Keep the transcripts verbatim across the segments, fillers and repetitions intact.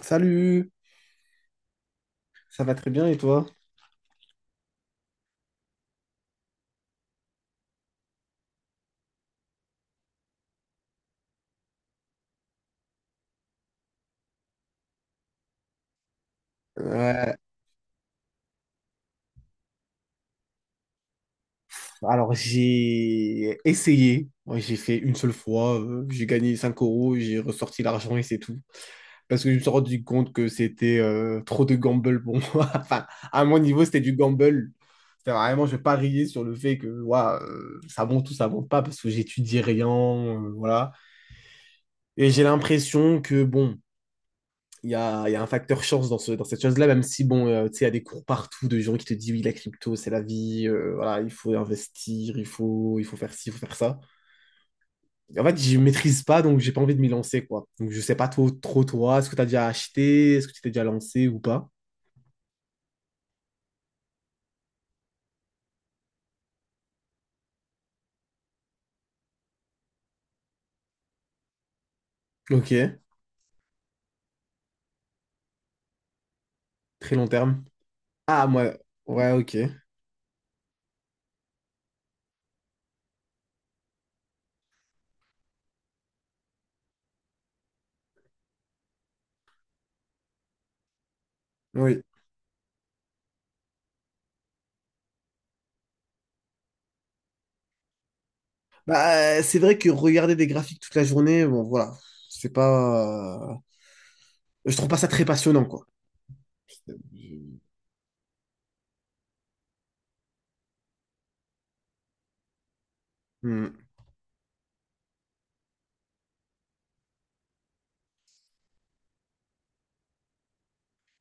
Salut, ça va très bien et toi? Euh, alors j'ai essayé. Moi, j'ai fait une seule fois, euh, j'ai gagné cinq euros, j'ai ressorti l'argent et c'est tout. Parce que je me suis rendu compte que c'était euh, trop de gamble pour moi. Enfin, à mon niveau, c'était du gamble. C'était vraiment, je pariais sur le fait que ouah, euh, ça monte ou ça monte pas parce que j'étudie rien, euh, voilà. Et j'ai l'impression que bon, il y a, il y a un facteur chance dans, ce, dans cette chose-là, même si, bon, euh, tu sais, il y a des cours partout de gens qui te disent, oui, la crypto, c'est la vie, euh, voilà, il faut investir, il faut, il faut faire ci, il faut faire ça. En fait, je maîtrise pas, donc j'ai pas envie de m'y lancer, quoi. Donc, je sais pas trop, trop toi, est-ce que tu as déjà acheté, est-ce que tu t'es déjà lancé ou pas? Ok, très long terme. Ah, moi, ouais, ok, oui. Bah, euh, c'est vrai que regarder des graphiques toute la journée, bon, voilà, c'est pas... euh, je trouve pas ça très passionnant, quoi. Hmm.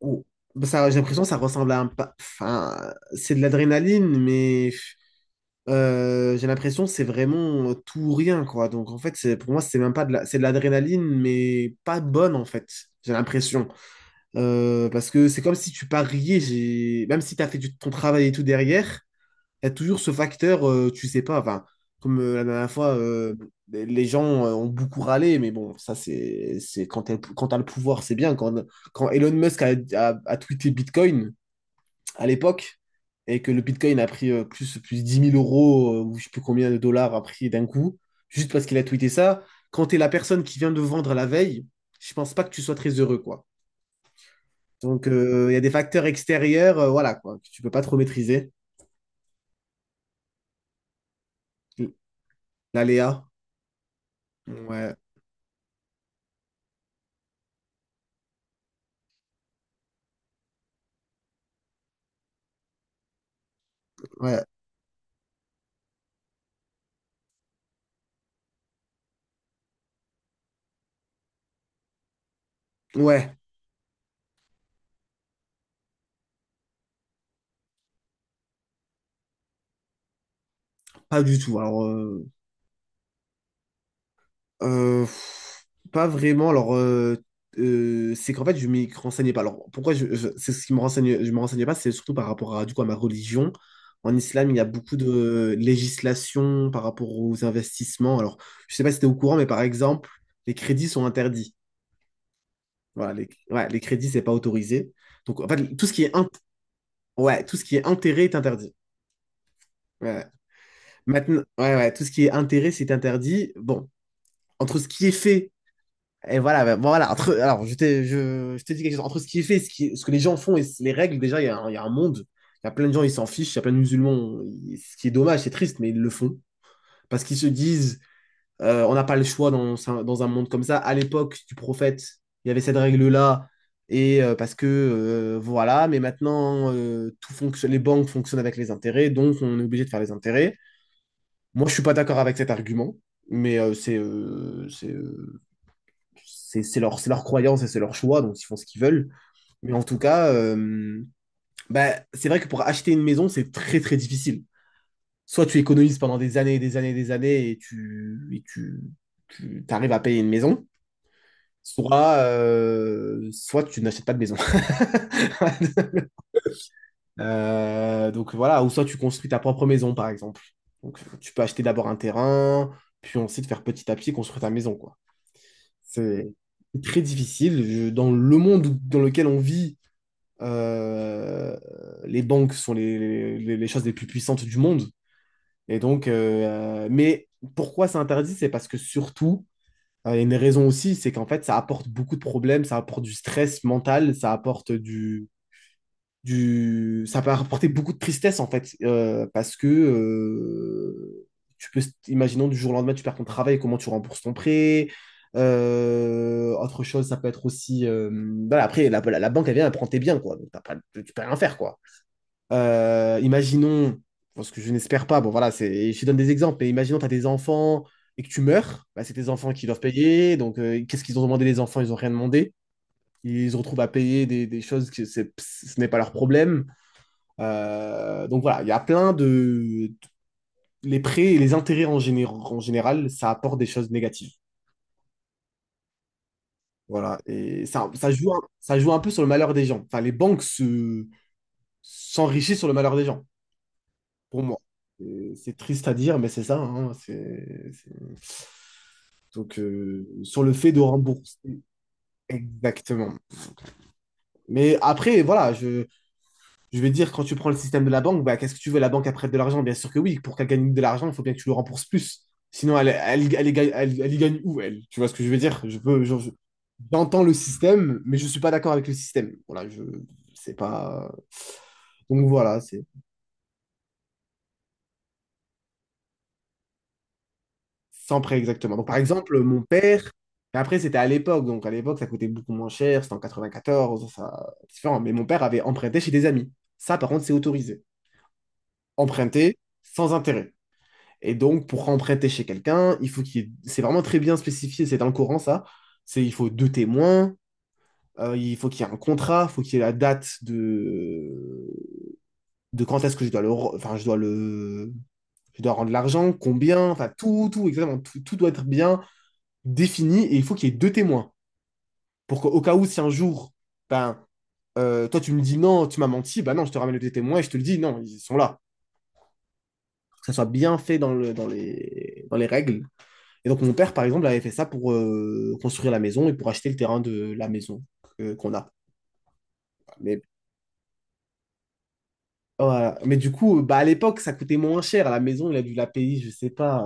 Ou- Bah, ça, j'ai l'impression que ça ressemble à un... pa- Enfin, c'est de l'adrénaline, mais euh, j'ai l'impression que c'est vraiment tout ou rien, quoi. Donc, en fait, c'est, pour moi, c'est même pas de la... c'est de l'adrénaline, mais pas bonne, en fait. J'ai l'impression. Euh, parce que c'est comme si tu pariais, j'ai... même si tu as fait du- ton travail et tout derrière, il y a toujours ce facteur, euh, tu sais pas, enfin, comme euh, la dernière fois, euh, les gens euh, ont beaucoup râlé, mais bon, ça, c'est, c'est quand t'as, quand t'as le pouvoir, c'est bien. Quand, quand Elon Musk a, a, a tweeté Bitcoin à l'époque, et que le Bitcoin a pris euh, plus, plus dix mille euros, euh, ou je sais plus combien de dollars a pris d'un coup, juste parce qu'il a tweeté ça, quand t'es la personne qui vient de vendre la veille, je pense pas que tu sois très heureux, quoi. Donc, euh, il y a des facteurs extérieurs, euh, voilà, quoi, que tu peux pas trop maîtriser. L'aléa. Ouais, ouais. Ouais, pas du tout. Alors, euh, euh, pff, pas vraiment. Alors, euh, euh, c'est qu'en fait, je m'y renseignais pas. Alors, pourquoi je, je- c'est ce qui me renseigne, je me renseignais pas, c'est surtout par rapport à, du coup, à ma religion. En islam, il y a beaucoup de législation par rapport aux investissements. Alors, je sais pas si tu es au courant, mais par exemple, les crédits sont interdits. Voilà, les, ouais, les crédits, c'est pas autorisé. Donc, en fait, tout ce qui est, int- ouais, tout ce qui est intérêt est interdit. Ouais. Maintenant, ouais, ouais, tout ce qui est intérêt, c'est interdit. Bon, entre ce qui est fait. Et voilà, ben, bon, voilà, entre, alors je t'ai je, je t'ai dit quelque chose. Entre ce qui est fait, ce, qui, ce que les gens font et les règles, déjà, il y a, un- il y a un monde. Il y a plein de gens, ils s'en fichent. Il y a plein de musulmans, ils- ce qui est dommage, c'est triste, mais ils le font. Parce qu'ils se disent, euh, on n'a pas le choix dans, un- dans un monde comme ça. À l'époque du prophète, il y avait cette règle-là. Et euh, parce que, euh, voilà, mais maintenant, euh, tout fonctionne, les banques fonctionnent avec les intérêts, donc on est obligé de faire les intérêts. Moi, je suis pas d'accord avec cet argument, mais euh, c'est euh, c'est, euh, c'est c'est leur, c'est leur croyance et c'est leur choix, donc ils font ce qu'ils veulent. Mais en tout cas, euh, bah, c'est vrai que pour acheter une maison, c'est très très difficile. Soit tu économises pendant des années et des années et des années et tu, et tu, tu arrives à payer une maison, soit, euh, soit tu n'achètes pas de maison. Euh, donc voilà, ou soit tu construis ta propre maison, par exemple. Donc tu peux acheter d'abord un terrain, puis ensuite faire petit à petit construire ta maison, quoi. C'est très difficile. Je- dans le monde où- dans lequel on vit, Euh, les banques sont les, les, les choses les plus puissantes du monde. Et donc, euh, mais pourquoi c'est interdit? C'est parce que surtout, euh, il y a une raison aussi, c'est qu'en fait, ça apporte beaucoup de problèmes, ça apporte du stress mental, ça apporte du, du, ça peut apporter beaucoup de tristesse en fait, euh, parce que euh, tu peux, imaginons du jour au lendemain, tu perds ton travail, comment tu rembourses ton prêt. Euh, autre chose, ça peut être aussi, euh, voilà, après la, la- la banque elle vient, elle prend tes biens quoi, donc t'as pas- tu peux rien faire quoi. Euh, imaginons, parce que je n'espère pas, bon voilà, c'est, je te donne des exemples, mais imaginons tu as des enfants et que tu meurs, bah, c'est tes enfants qui doivent payer, donc euh, qu'est-ce qu'ils ont demandé les enfants? Ils n'ont rien demandé. Ils se retrouvent à payer des, des choses que c'est- ce n'est pas leur problème. Euh, donc voilà, il y a plein de... Les prêts et les intérêts en général en général, ça apporte des choses négatives. Voilà, et ça, ça joue, un- ça joue un peu sur le malheur des gens. Enfin, les banques se, s'enrichissent sur le malheur des gens. Pour moi. Et c'est triste à dire, mais c'est ça, hein, c'est- c'est- donc, euh, sur le fait de rembourser, exactement. Mais après, voilà, je, je vais dire, quand tu prends le système de la banque, bah, qu'est-ce que tu veux? La banque, elle prête de l'argent? Bien sûr que oui. Pour qu'elle gagne de l'argent, il faut bien que tu le rembourses plus. Sinon, elle, elle, elle, y gagne elle- elle y gagne où, elle? Tu vois ce que je veux dire? Je peux, je- je- J'entends le système, mais je suis pas d'accord avec le système. Voilà, je, c'est pas. Donc voilà, c'est. Sans prêt, exactement. Donc, par exemple, mon père, mais après, c'était à l'époque, donc à l'époque, ça coûtait beaucoup moins cher, c'était en quatre-vingt-quatorze, ça, c'est différent. Mais mon père avait emprunté chez des amis. Ça, par contre, c'est autorisé. Emprunter sans intérêt. Et donc, pour emprunter chez quelqu'un, il faut qu'il y ait- c'est vraiment très bien spécifié, c'est dans le Coran, ça. C'est, il faut deux témoins, euh, il faut qu'il y ait un contrat, il faut qu'il y ait la date de, de quand est-ce que je dois le... re- Enfin, je dois le... Je dois rendre l'argent, combien, enfin, tout, tout, exactement, tout, tout doit être bien défini et il faut qu'il y ait deux témoins. Pour qu'au cas où, si un jour, ben, euh, toi, tu me dis non, tu m'as menti, ben non, je te ramène les deux témoins et je te le dis, non, ils sont là. Que ça soit bien fait dans, le, dans, les, dans les règles. Et donc, mon père, par exemple, avait fait ça pour euh, construire la maison et pour acheter le terrain de la maison euh, qu'on a. Mais, voilà. Mais du coup, bah, à l'époque, ça coûtait moins cher. À la maison, il a dû la payer, je sais pas,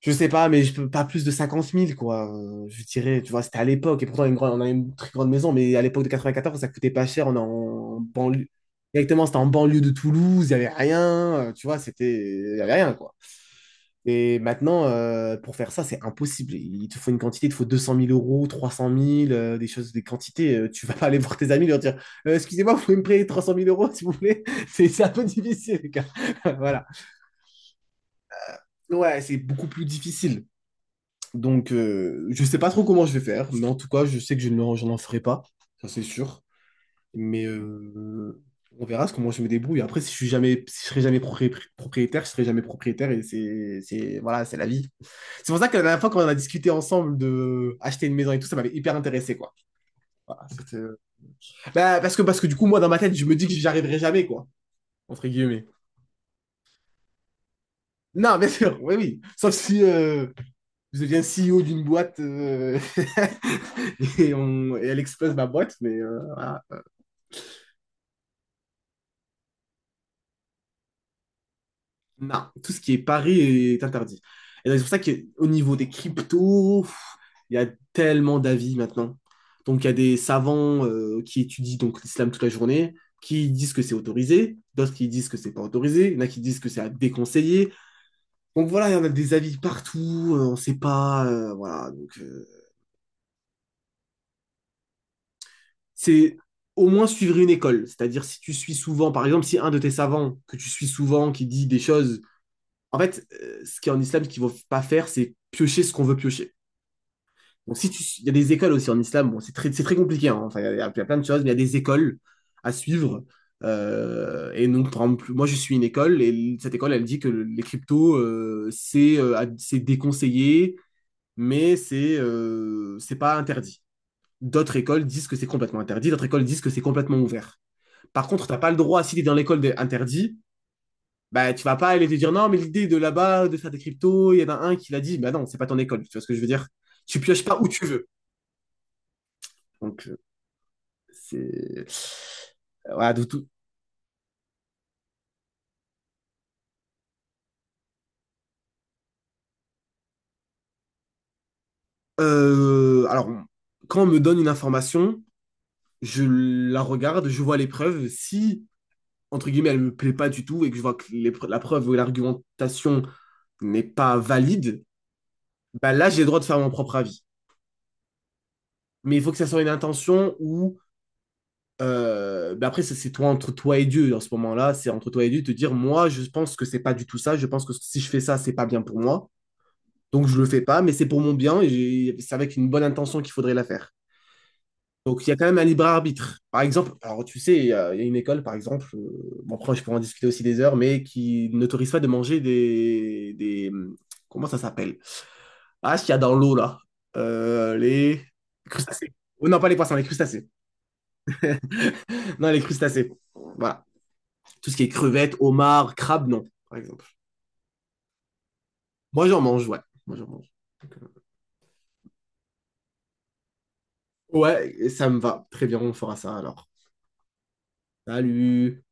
je sais pas, mais je peux pas plus de cinquante mille quoi. Euh, Je dirais, tu vois, c'était à l'époque. Et pourtant, une grande- on a une très grande maison, mais à l'époque de quatre-vingt-quatorze, ça coûtait pas cher. On est en banlieue. Directement, c'était en banlieue de Toulouse, il y avait rien. euh, Tu vois, c'était. Il y avait rien, quoi. Et maintenant, euh, pour faire ça, c'est impossible. Il te faut une quantité, il te faut deux cent mille euros, trois cent mille, euh, des choses, des quantités. Euh, tu vas pas aller voir tes amis et leur dire Euh, Excusez-moi, vous pouvez me prêter trois cent mille euros, s'il vous plaît? C'est c'est un peu difficile, les gars. Voilà. Ouais, c'est beaucoup plus difficile. Donc, euh, je sais pas trop comment je vais faire, mais en tout cas, je sais que je n'en, je n'en ferai pas, ça c'est sûr. Mais euh, on verra ce- comment je me débrouille. Après, si je suis jamais, si je serai jamais propri- propriétaire, je serai jamais propriétaire et c'est, c'est, voilà, c'est la vie. C'est pour ça que la dernière fois, quand on a discuté ensemble de acheter une maison et tout, ça m'avait hyper intéressé, quoi. Voilà, c'était- euh, bah, parce que, parce que du coup, moi, dans ma tête, je me dis que j'y arriverai jamais, quoi, entre guillemets. Non, bien sûr, oui, oui. Sauf si euh, je deviens C E O d'une boîte euh, et, on- et elle explose ma boîte, mais euh, voilà. Non, tout ce qui est pari est interdit. Et donc, c'est pour ça qu'au niveau des cryptos, pff, il y a tellement d'avis maintenant. Donc, il y a des savants euh, qui étudient donc l'islam toute la journée, qui disent que c'est autorisé, d'autres qui disent que c'est pas autorisé, il y en a qui disent que c'est à déconseiller. Donc voilà, il y en a des avis partout, euh, on sait pas, euh, voilà. Donc, euh, c'est au moins suivre une école. C'est-à-dire, si tu suis souvent, par exemple, si un de tes savants que tu suis souvent qui dit des choses. En fait, euh, ce qui est en islam, ce qu'il ne faut pas faire, c'est piocher ce qu'on veut piocher. Bon, si tu... Il y a des écoles aussi en islam, bon, c'est très, c'est très compliqué, hein. Enfin, il y, a, y a plein de choses, mais il y a des écoles à suivre. Euh, et donc, par exemple, moi, je suis une école et cette école, elle dit que le- les cryptos, euh, c'est euh, à- c'est déconseillé, mais c'est euh, c'est pas interdit. D'autres écoles disent que c'est complètement interdit, d'autres écoles disent que c'est complètement ouvert. Par contre, tu n'as pas le droit, si tu es dans l'école interdite. Bah, tu ne vas pas aller te dire non, mais l'idée de là-bas, de faire des cryptos, il y en a un qui l'a dit, bah non, c'est pas ton école, tu vois ce que je veux dire? Tu pioches pas où tu veux. Donc, euh, c'est. euh, Voilà, de tout. Euh, alors, quand on me donne une information, je la regarde, je vois les preuves. Si, entre guillemets, elle me plaît pas du tout et que je vois que les pre- la preuve ou l'argumentation n'est pas valide, bah là, j'ai le droit de faire mon propre avis. Mais il faut que ça soit une intention où Euh, ben après, ça, c'est toi entre toi et Dieu dans ce moment-là. C'est entre toi et Dieu te dire, moi, je pense que c'est pas du tout ça. Je pense que si je fais ça, c'est pas bien pour moi. Donc, je le fais pas, mais c'est pour mon bien et j'ai- c'est avec une bonne intention qu'il faudrait la faire. Donc, il y a quand même un libre arbitre. Par exemple, alors tu sais, il y a, il y a une école, par exemple, euh, bon, après, je pourrais en discuter aussi des heures, mais qui n'autorise pas de manger des, des. Comment ça s'appelle? Ah, ce qu'il y a dans l'eau, là. Euh, les crustacés. Oh, non, pas les poissons, les crustacés. Non, les crustacés. Voilà. Tout ce qui est crevettes, homards, crabes, non, par exemple. Moi, j'en mange, ouais. Moi, j'en mange. Ouais, ça me va. Très bien, on fera ça alors. Salut!